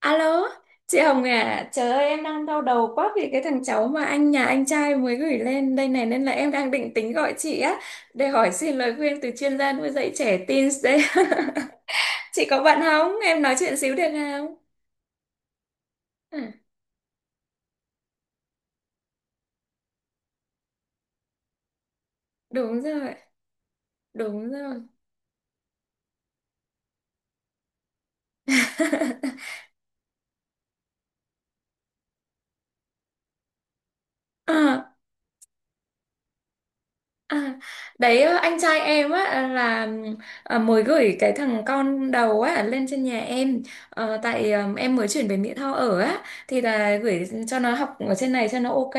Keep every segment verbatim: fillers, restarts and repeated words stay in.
Alo, chị Hồng à, trời ơi em đang đau đầu quá vì cái thằng cháu mà anh nhà anh trai mới gửi lên đây này nên là em đang định tính gọi chị á để hỏi xin lời khuyên từ chuyên gia nuôi dạy trẻ teens đấy. Chị có bận không? Em nói chuyện xíu được không? À, đúng rồi, đúng rồi. Ờ, à, đấy, ờ, anh trai em á à, là ờ, mới gửi cái thằng con đầu á lên trên nhà em. Ờ, tại ờ, em mới chuyển về Mỹ Tho ở á, thì là gửi cho nó học ở trên này cho nó ok,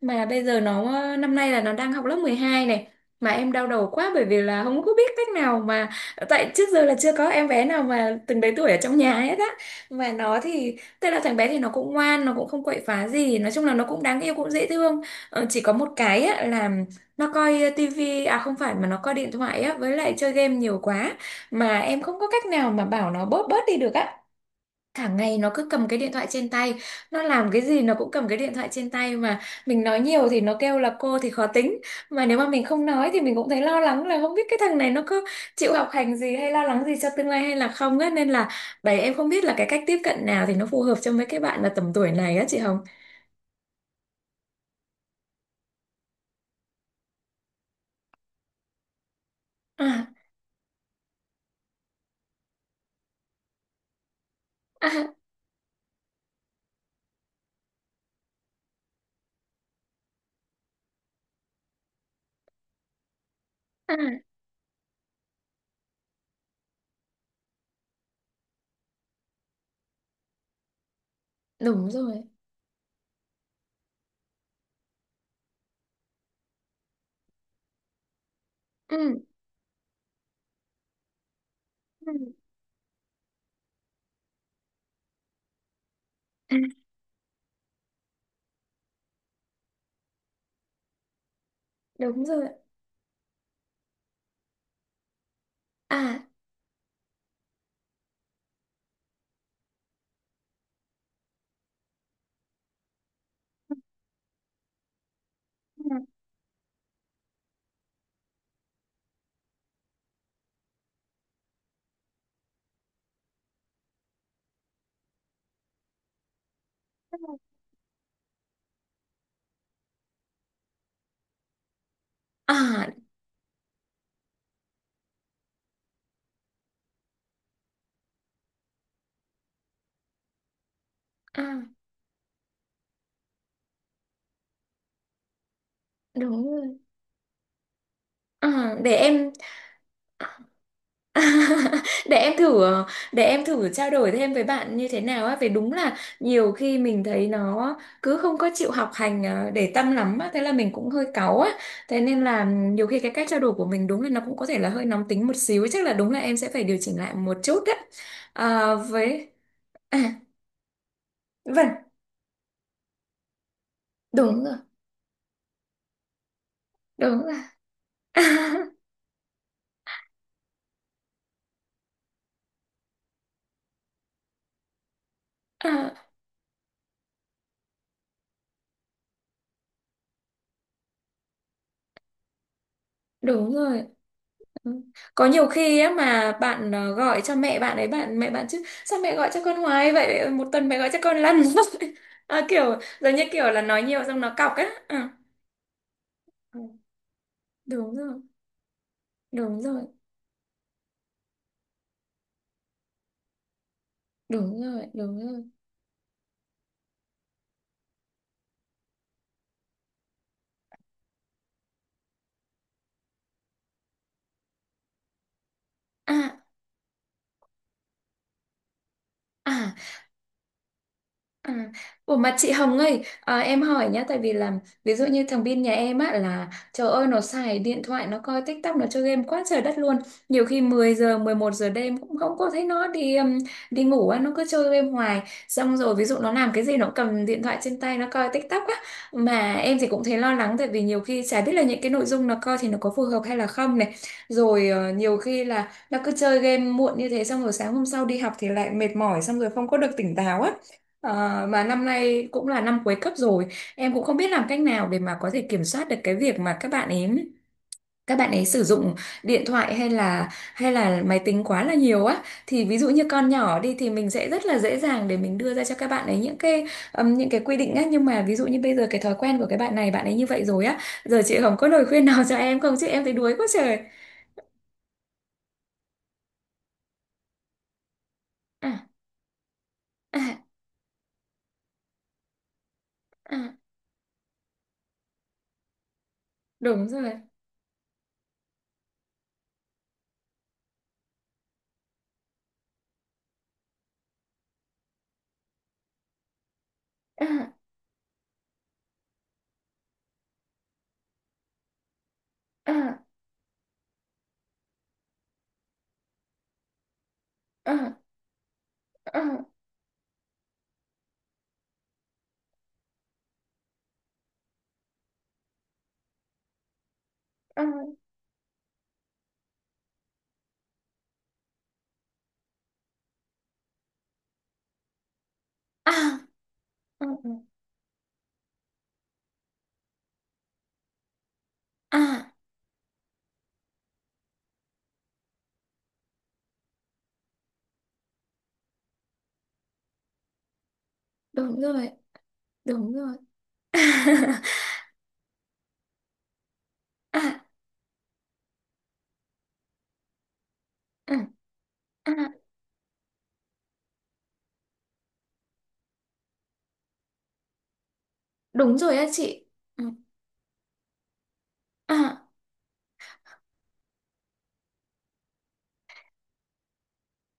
mà bây giờ nó ờ, năm nay là nó đang học lớp mười hai này, mà em đau đầu quá bởi vì là không có biết cách nào mà, tại trước giờ là chưa có em bé nào mà từng đấy tuổi ở trong nhà hết á, mà nó thì tức là thằng bé thì nó cũng ngoan, nó cũng không quậy phá gì, nói chung là nó cũng đáng yêu cũng dễ thương. Ờ, chỉ có một cái á, là nó coi ờ, tivi à không phải mà nó coi điện thoại á với lại chơi game nhiều quá, mà em không có cách nào mà bảo nó bớt bớt đi được á, cả ngày nó cứ cầm cái điện thoại trên tay, nó làm cái gì nó cũng cầm cái điện thoại trên tay, mà mình nói nhiều thì nó kêu là cô thì khó tính, mà nếu mà mình không nói thì mình cũng thấy lo lắng là không biết cái thằng này nó cứ chịu học hành gì hay lo lắng gì cho tương lai hay là không á, nên là đấy em không biết là cái cách tiếp cận nào thì nó phù hợp cho mấy cái bạn mà tầm tuổi này á chị Hồng. À, à, à, đúng rồi. Ừ. Ừ. Đúng rồi. À, à, à. Đúng rồi. À, để em để em thử để em thử trao đổi thêm với bạn như thế nào á, vì đúng là nhiều khi mình thấy nó cứ không có chịu học hành ờ, để tâm lắm á, thế là mình cũng hơi cáu á, thế nên là nhiều khi cái cách trao đổi của mình đúng là nó cũng có thể là hơi nóng tính một xíu, chắc là đúng là em sẽ phải điều chỉnh lại một chút á. Ờ, với à, vâng, đúng rồi, đúng rồi. À, đúng rồi. Ừ. Có nhiều khi á mà bạn ờ, gọi cho mẹ bạn ấy bạn mẹ bạn chứ sao mẹ gọi cho con hoài vậy một tuần mẹ gọi cho con lần à, kiểu giống như kiểu là nói nhiều xong nó cọc á à, đúng rồi, đúng rồi, đúng rồi, đúng rồi. À, à. À, ủa mà chị Hồng ơi, à, em hỏi nhá, tại vì là ví dụ như thằng Bin nhà em á là trời ơi nó xài điện thoại, nó coi TikTok, nó chơi game quá trời đất luôn. Nhiều khi mười giờ, mười một giờ đêm cũng không có thấy nó đi um, đi ngủ á, nó cứ chơi game hoài. Xong rồi ví dụ nó làm cái gì nó cầm điện thoại trên tay nó coi TikTok á. Mà em thì cũng thấy lo lắng tại vì nhiều khi chả biết là những cái nội dung nó coi thì nó có phù hợp hay là không này. Rồi ờ, nhiều khi là nó cứ chơi game muộn như thế xong rồi sáng hôm sau đi học thì lại mệt mỏi xong rồi không có được tỉnh táo á. Ờ, mà năm nay cũng là năm cuối cấp rồi, em cũng không biết làm cách nào để mà có thể kiểm soát được cái việc mà các bạn ấy các bạn ấy sử dụng điện thoại hay là hay là máy tính quá là nhiều á, thì ví dụ như con nhỏ đi thì mình sẽ rất là dễ dàng để mình đưa ra cho các bạn ấy những cái ừm, những cái quy định á, nhưng mà ví dụ như bây giờ cái thói quen của cái bạn này bạn ấy như vậy rồi á, giờ chị Hồng có lời khuyên nào cho em không chứ em thấy đuối quá trời. À, à, à, đúng rồi. À, à, à, à, à, à, à. À. À. Đúng rồi, đúng rồi. À, à, à, đúng rồi á chị. Ừ. À,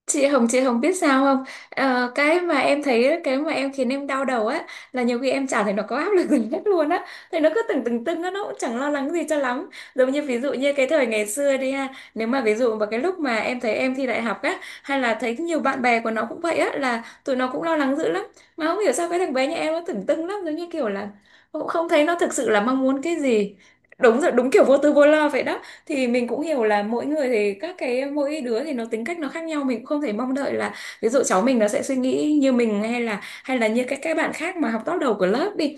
Chị Hồng chị Hồng biết sao không, ờ, cái mà em thấy cái mà em khiến em đau đầu á là nhiều khi em chả thấy nó có áp lực gì hết luôn á, thì nó cứ từng từng từng á, nó cũng chẳng lo lắng gì cho lắm, giống như ví dụ như cái thời ngày xưa đi ha, nếu mà ví dụ vào cái lúc mà em thấy em thi đại học á hay là thấy nhiều bạn bè của nó cũng vậy á là tụi nó cũng lo lắng dữ lắm, mà không hiểu sao cái thằng bé nhà em nó tưởng tưng lắm, giống như kiểu là cũng không thấy nó thực sự là mong muốn cái gì. Đúng rồi, đúng kiểu vô tư vô lo vậy đó, thì mình cũng hiểu là mỗi người thì các cái mỗi đứa thì nó tính cách nó khác nhau, mình cũng không thể mong đợi là ví dụ cháu mình nó sẽ suy nghĩ như mình hay là hay là như các các bạn khác mà học top đầu của lớp đi,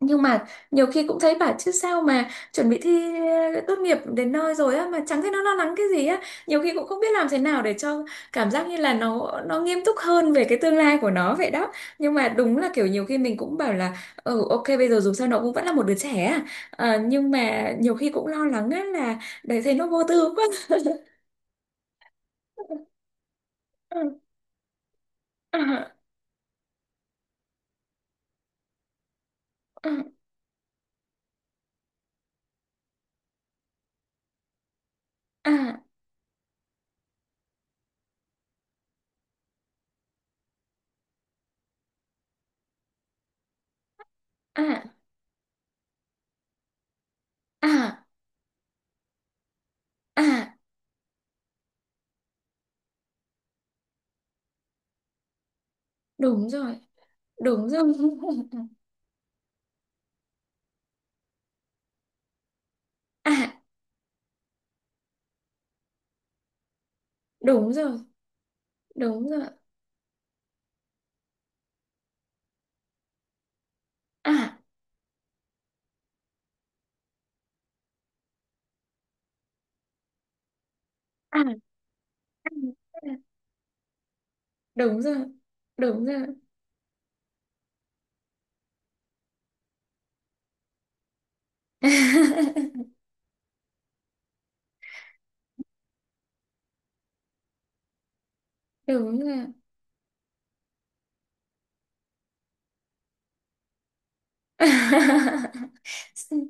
nhưng mà nhiều khi cũng thấy bảo chứ sao mà chuẩn bị thi ờ, tốt nghiệp đến nơi rồi á mà chẳng thấy nó lo lắng cái gì á, nhiều khi cũng không biết làm thế nào để cho cảm giác như là nó nó nghiêm túc hơn về cái tương lai của nó vậy đó, nhưng mà đúng là kiểu nhiều khi mình cũng bảo là ừ ok bây giờ dù sao nó cũng vẫn là một đứa trẻ à. Ờ, nhưng mà nhiều khi cũng lo lắng á là đấy thấy nó vô tư quá. À, à, à, à, à, à, đúng rồi, đúng rồi. À, đúng rồi, đúng rồi. À. À, à, đúng rồi, đúng rồi. Đúng rồi.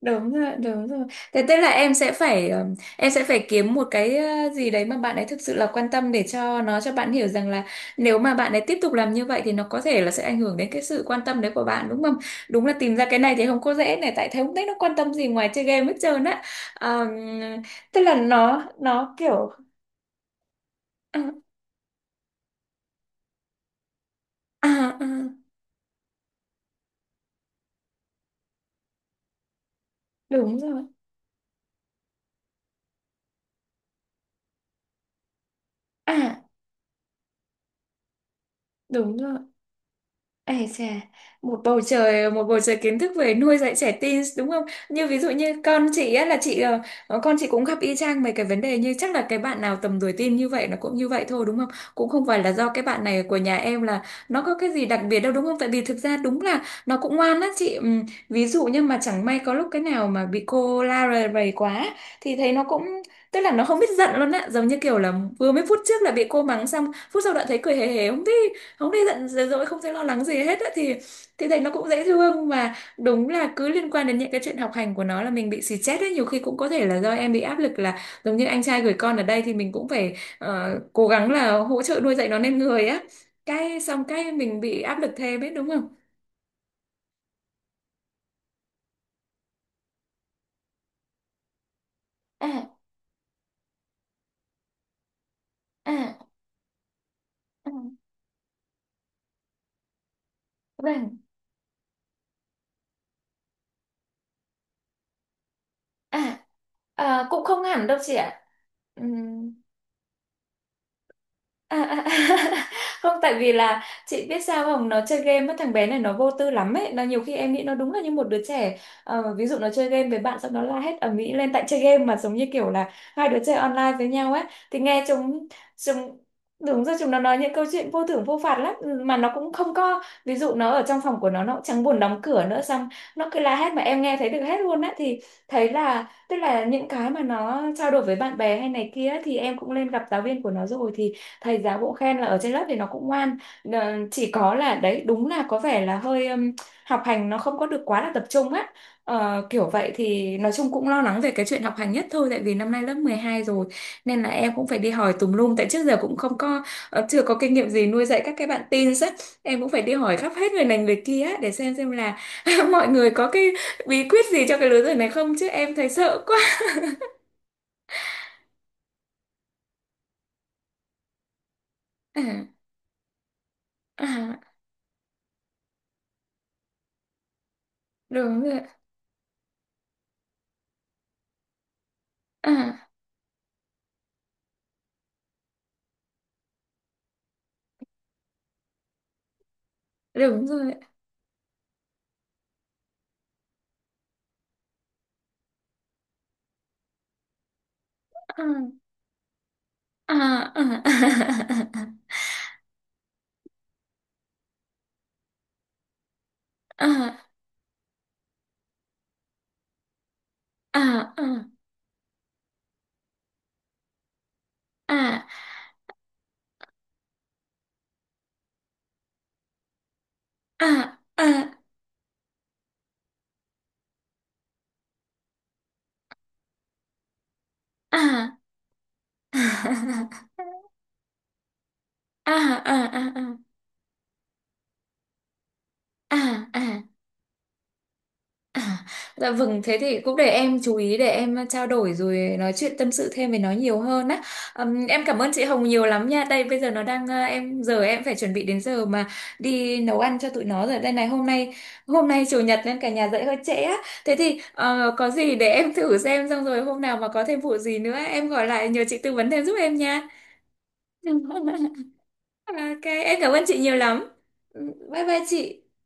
Đúng rồi, đúng rồi. Thế tức là em sẽ phải ừm, em sẽ phải kiếm một cái ờ, gì đấy mà bạn ấy thực sự là quan tâm để cho nó cho bạn hiểu rằng là, nếu mà bạn ấy tiếp tục làm như vậy thì nó có thể là sẽ ảnh hưởng đến cái sự quan tâm đấy của bạn, đúng không? Đúng là tìm ra cái này thì không có dễ này, tại thấy không thấy nó quan tâm gì ngoài chơi game hết trơn á. Ờm, tức là nó nó kiểu à, à, à, đúng rồi. À. Đúng rồi. Ê chà, một bầu trời một bầu trời kiến thức về nuôi dạy trẻ teen đúng không? Như ví dụ như con chị á là chị ờ, ờ, con chị cũng gặp y chang mấy cái vấn đề như chắc là cái bạn nào tầm tuổi teen như vậy nó cũng như vậy thôi đúng không? Cũng không phải là do cái bạn này của nhà em là nó có cái gì đặc biệt đâu đúng không? Tại vì thực ra đúng là nó cũng ngoan á chị. Ừm, Ví dụ như mà chẳng may có lúc cái nào mà bị cô la rầy rầy quá thì thấy nó cũng tức là nó không biết giận luôn á, giống như kiểu là vừa mấy phút trước là bị cô mắng xong phút sau đã thấy cười hề hề không biết, không thấy giận dữ dỗi không thấy lo lắng gì hết á, thì thì thấy nó cũng dễ thương, mà đúng là cứ liên quan đến những cái chuyện học hành của nó là mình bị xì chết ấy, nhiều khi cũng có thể là do em bị áp lực là giống như anh trai gửi con ở đây thì mình cũng phải ờ, cố gắng là hỗ trợ nuôi dạy nó nên người á, cái xong cái mình bị áp lực thêm ấy đúng không? À, à, à, vâng, à, à, cũng không hẳn đâu chị ạ. Ừm, À, à, à. Không tại vì là chị biết sao không, nó chơi game á thằng bé này nó vô tư lắm ấy, nó nhiều khi em nghĩ nó đúng là như một đứa trẻ. Ờ, ví dụ nó chơi game với bạn xong nó la hét ầm ĩ lên tại chơi game mà giống như kiểu là hai đứa chơi online với nhau ấy, thì nghe chúng chúng đúng rồi chúng nó nói những câu chuyện vô thưởng vô phạt lắm. Ừ, mà nó cũng không có ví dụ nó ở trong phòng của nó nó cũng chẳng buồn đóng cửa nữa, xong nó cứ la hét mà em nghe thấy được hết luôn á, thì thấy là tức là những cái mà nó trao đổi với bạn bè hay này kia ấy, thì em cũng lên gặp giáo viên của nó rồi, thì thầy giáo cũng khen là ở trên lớp thì nó cũng ngoan. Ờ, chỉ có là đấy đúng là có vẻ là hơi ừm, học hành nó không có được quá là tập trung á. Ờ, kiểu vậy thì nói chung cũng lo lắng về cái chuyện học hành nhất thôi, tại vì năm nay lớp mười hai rồi, nên là em cũng phải đi hỏi tùm lum tại trước giờ cũng không có ờ, chưa có kinh nghiệm gì nuôi dạy các cái bạn teen á, em cũng phải đi hỏi khắp hết người này người kia á, để xem xem là mọi người có cái bí quyết gì cho cái lứa tuổi này không chứ em thấy sợ quá. À, à, đúng rồi. À, đúng rồi. À, à, à, à, à, à, à, à, à, à, à, à, à, à, à, à, à, à, à, à. À, dạ vâng, thế thì cũng để em chú ý để em trao đổi rồi nói chuyện tâm sự thêm với nó nhiều hơn á. Ừm, em cảm ơn chị Hồng nhiều lắm nha. Đây bây giờ nó đang à, em giờ em phải chuẩn bị đến giờ mà đi nấu ăn cho tụi nó rồi. Đây này hôm nay hôm nay chủ nhật nên cả nhà dậy hơi trễ á. Thế thì ờ, có gì để em thử xem xong rồi hôm nào mà có thêm vụ gì nữa em gọi lại nhờ chị tư vấn thêm giúp em nha. Ok, em cảm ơn chị nhiều lắm. Ừ, bye bye chị.